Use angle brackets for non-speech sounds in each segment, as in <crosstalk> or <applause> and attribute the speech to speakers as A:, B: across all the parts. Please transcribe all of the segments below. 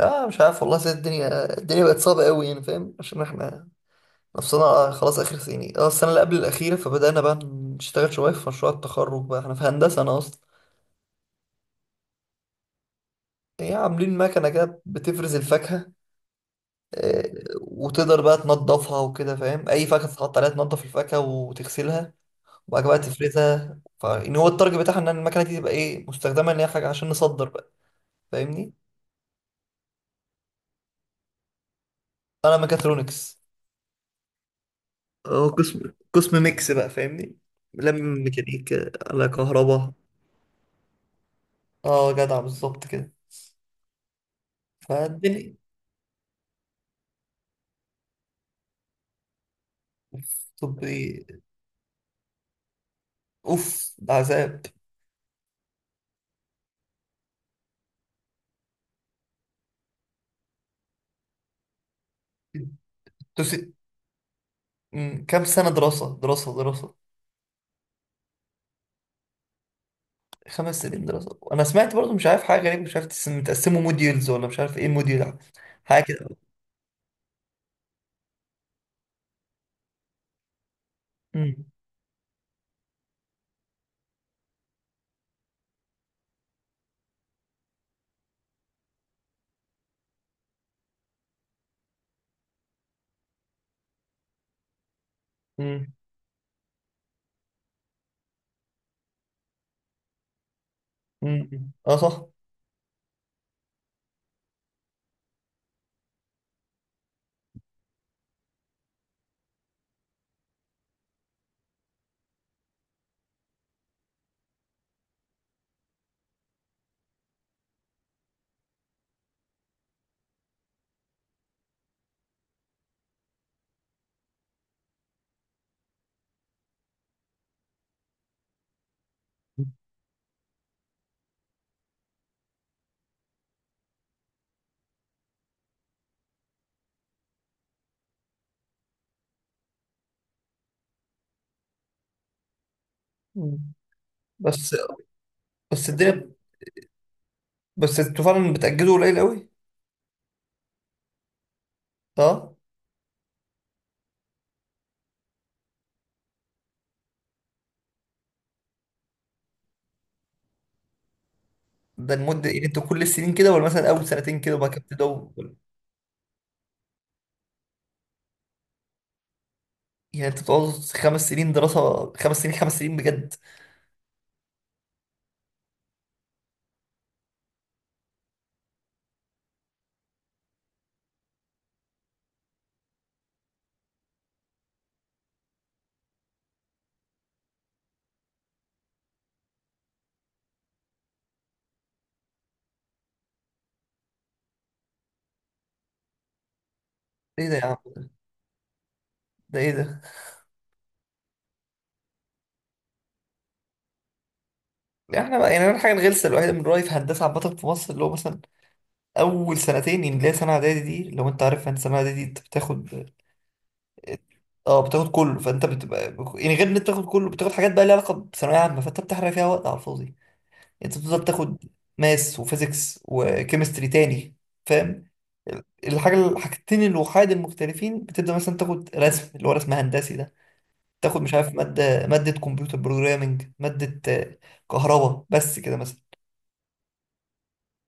A: اه، مش عارف والله سيد الدنيا بقت صعبة قوي يعني فاهم عشان احنا نفسنا خلاص اخر سنين، السنة اللي قبل الأخيرة فبدأنا بقى نشتغل شوية في مشروع التخرج بقى. احنا في هندسة، انا اصلا هي عاملين مكنة كده بتفرز الفاكهة وتقدر بقى تنضفها وكده فاهم. اي فاكهة تتحط عليها تنضف الفاكهة وتغسلها، وبعد كده بقى تفرزها. فان هو التارجت بتاعها ان المكنة دي تبقى ايه مستخدمة ان هي حاجة عشان نصدر بقى، فاهمني. انا ميكاترونكس. اه، قسم ميكس بقى، فاهمني. لم ميكانيكا على كهرباء. اه، جدع بالظبط كده. فالدنيا طب ايه. اوف، ده عذاب. تس... كام سنة؟ دراسة دراسة دراسة. 5 سنين دراسة. وانا سمعت برضو مش عارف، حاجة غريبة، مش عارف، متقسموا موديولز ولا مش عارف ايه الموديول، حاجة كده. مم، مم، مم. اه صح. مم. بس بس الدنيا، بس انتوا فعلا بتأجلوا قليل قوي. اه، ده المدة يعني انتوا كل السنين كده، ولا مثلا اول سنتين كده وبعد كده بتبدأوا؟ يعني انتوا بتقعدوا 5 سنين دراسة؟ 5 سنين 5 سنين بجد؟ ايه ده يا عم؟ ده ايه ده؟ احنا بقى يعني أنا الحاجه الغلسه الوحيده من رايي في هندسه عامه في مصر اللي هو مثلا اول سنتين، يعني اللي هي سنه اعدادي دي، لو انت عارف ان سنه اعدادي دي انت بتاخد. اه، بتاخد كله، فانت بتبقى يعني غير ان انت بتاخد كله، بتاخد حاجات بقى ليها علاقه بثانويه عامه فانت بتحرق فيها وقت على الفاضي يعني. انت بتفضل تاخد ماس وفيزيكس وكيمستري تاني، فاهم. الحاجه الحاجتين الوحيد المختلفين بتبدا مثلا تاخد رسم، اللي هو رسم هندسي ده، تاخد مش عارف ماده كمبيوتر بروجرامنج، ماده كهرباء، بس كده مثلا.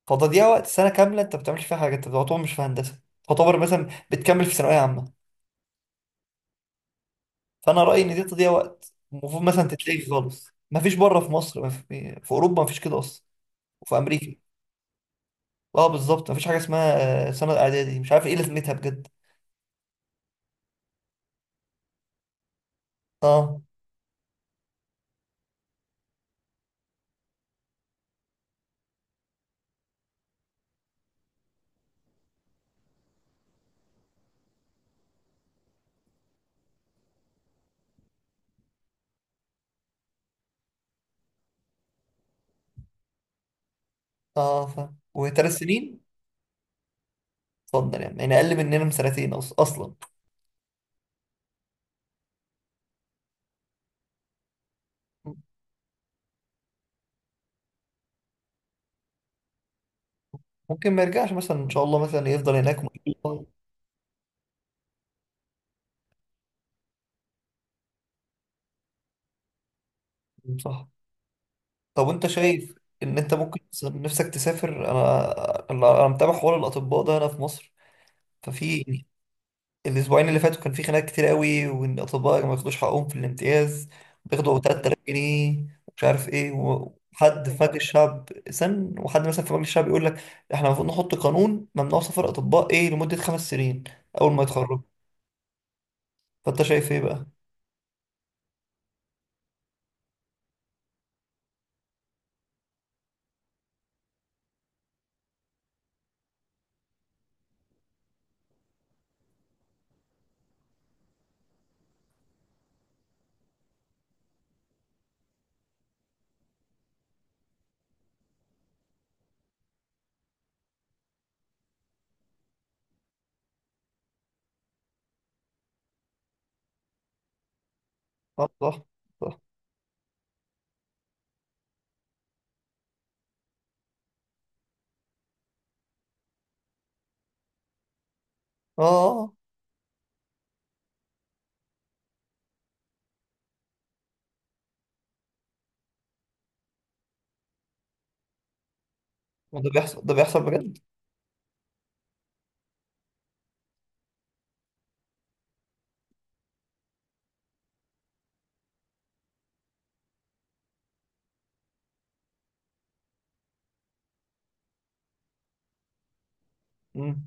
A: فتضييع وقت سنه كامله انت ما بتعملش فيها حاجه، انت تعتبر مش في هندسه، تعتبر مثلا بتكمل في ثانويه عامه. فانا رايي ان دي تضييع وقت، المفروض مثلا تتلغي خالص. ما فيش بره في مصر، ما في, في اوروبا ما فيش كده اصلا. وفي امريكا اه بالظبط ما فيش حاجه اسمها سنه اعدادي، مش عارف ايه لازمتها بجد. اه اه فاهم، وثلاث سنين. اتفضل يعني اقل مننا بسنتين اصلا. ممكن ما يرجعش مثلا ان شاء الله، مثلا يفضل هناك. <laughs> صح. طب وانت شايف ان انت ممكن نفسك تسافر؟ انا انا أنا متابع حوار الاطباء ده هنا في مصر. ففي الاسبوعين اللي فاتوا كان في خناقات كتير قوي، وان الاطباء ما ياخدوش حقهم في الامتياز، بياخدوا 3000 جنيه، ومش عارف ايه. وحد في مجلس الشعب سن، وحد مثلا في مجلس الشعب يقول لك احنا المفروض نحط قانون ممنوع سفر اطباء ايه لمده 5 سنين اول ما يتخرجوا. فانت شايف ايه بقى؟ اه صح صح اه، ده بيحصل، ده بيحصل بجد. مم.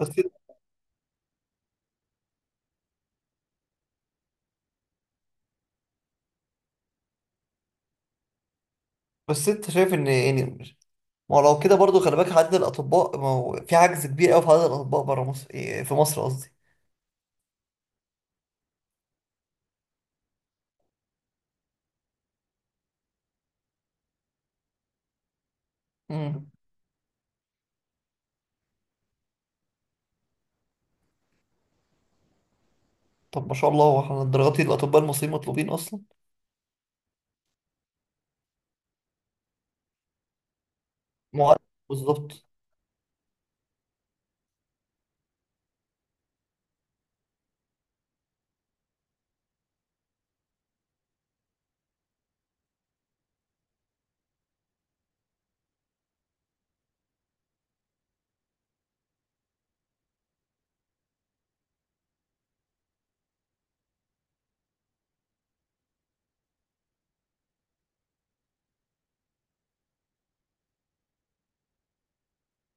A: بس بس انت شايف ان يعني، ما هو لو كده برضو خلي بالك عدد الأطباء. ما هو في عجز كبير أوي في عدد الأطباء برا مصر، إيه، في مصر قصدي. مم. طب ما شاء الله، هو احنا الدرجات دي الأطباء المصريين مطلوبين أصلا؟ معدل، بالظبط.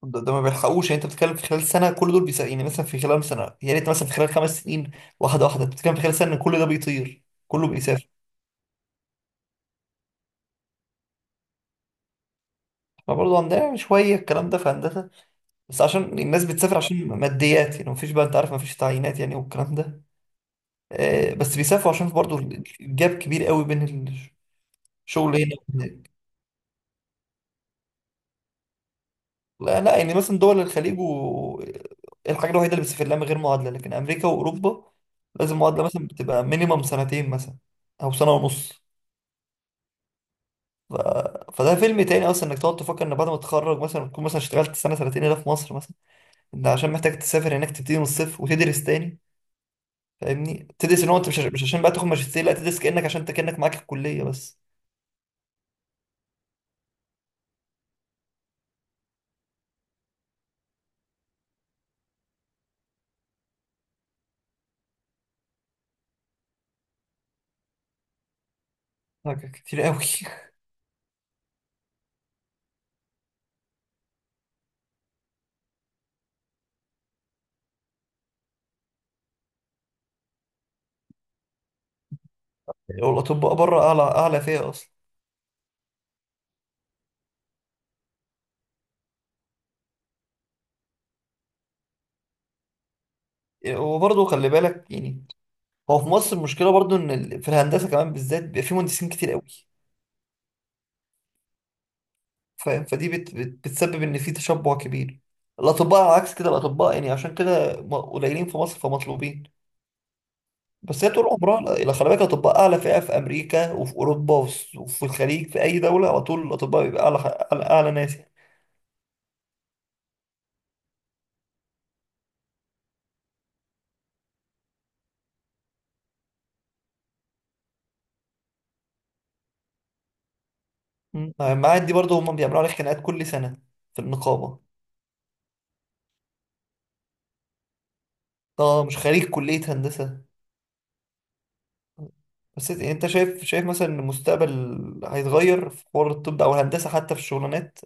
A: ده ما بيلحقوش يعني. أنت بتتكلم في خلال سنة كل دول بيسا، يعني مثلا في خلال سنة، يعني أنت مثلا في خلال خمس سنين واحدة واحدة، أنت بتتكلم في خلال سنة كل ده بيطير. كله بيسافر. احنا برضه عندنا يعني شوية الكلام ده في هندسة، بس عشان الناس بتسافر عشان ماديات. يعني مفيش، بقى أنت عارف، مفيش تعيينات يعني والكلام ده. بس بيسافروا عشان برضه الجاب كبير قوي بين شغل هنا وهناك. لا لا، يعني مثلا دول الخليج و الحاجة الوحيدة اللي بتسافر لها من غير معادلة. لكن أمريكا وأوروبا لازم معادلة، مثلا بتبقى مينيمم سنتين مثلا، أو سنة ونص. ف... فده فيلم تاني أصلا إنك تقعد تفكر إن بعد ما تتخرج مثلا تكون مثلا اشتغلت سنة سنتين هنا في مصر مثلا. أنت عشان محتاج تسافر هناك تبتدي من الصفر وتدرس تاني، فاهمني. تدرس إن هو أنت مش عشان بقى تاخد ماجستير، لا تدرس كأنك، عشان أنت كأنك معاك الكلية بس. حاجة كتير قوي. <laughs> والأطباء بره أعلى، أعلى فيها أصلا. وبرضه خلي بالك يعني، هو في مصر المشكله برضو ان في الهندسه كمان بالذات بيبقى في مهندسين كتير قوي، فاهم. فدي بت بت بتسبب ان في تشبع كبير. الاطباء على عكس كده، الاطباء يعني عشان كده قليلين في مصر فمطلوبين، بس هي طول عمرها. لا خلي بالك الاطباء اعلى فئه في امريكا وفي اوروبا وفي الخليج في اي دوله. على طول الاطباء بيبقى اعلى، أعلى ناس يعني. مم. المعاهد دي برضو هم بيعملوا عليها خناقات كل سنه في النقابه. اه، مش خريج كليه هندسه. بس انت شايف شايف مثلا ان المستقبل هيتغير في حوار الطب ده او الهندسه حتى في الشغلانات؟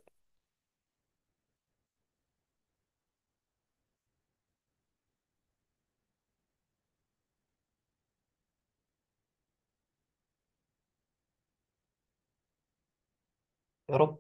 A: يا رب.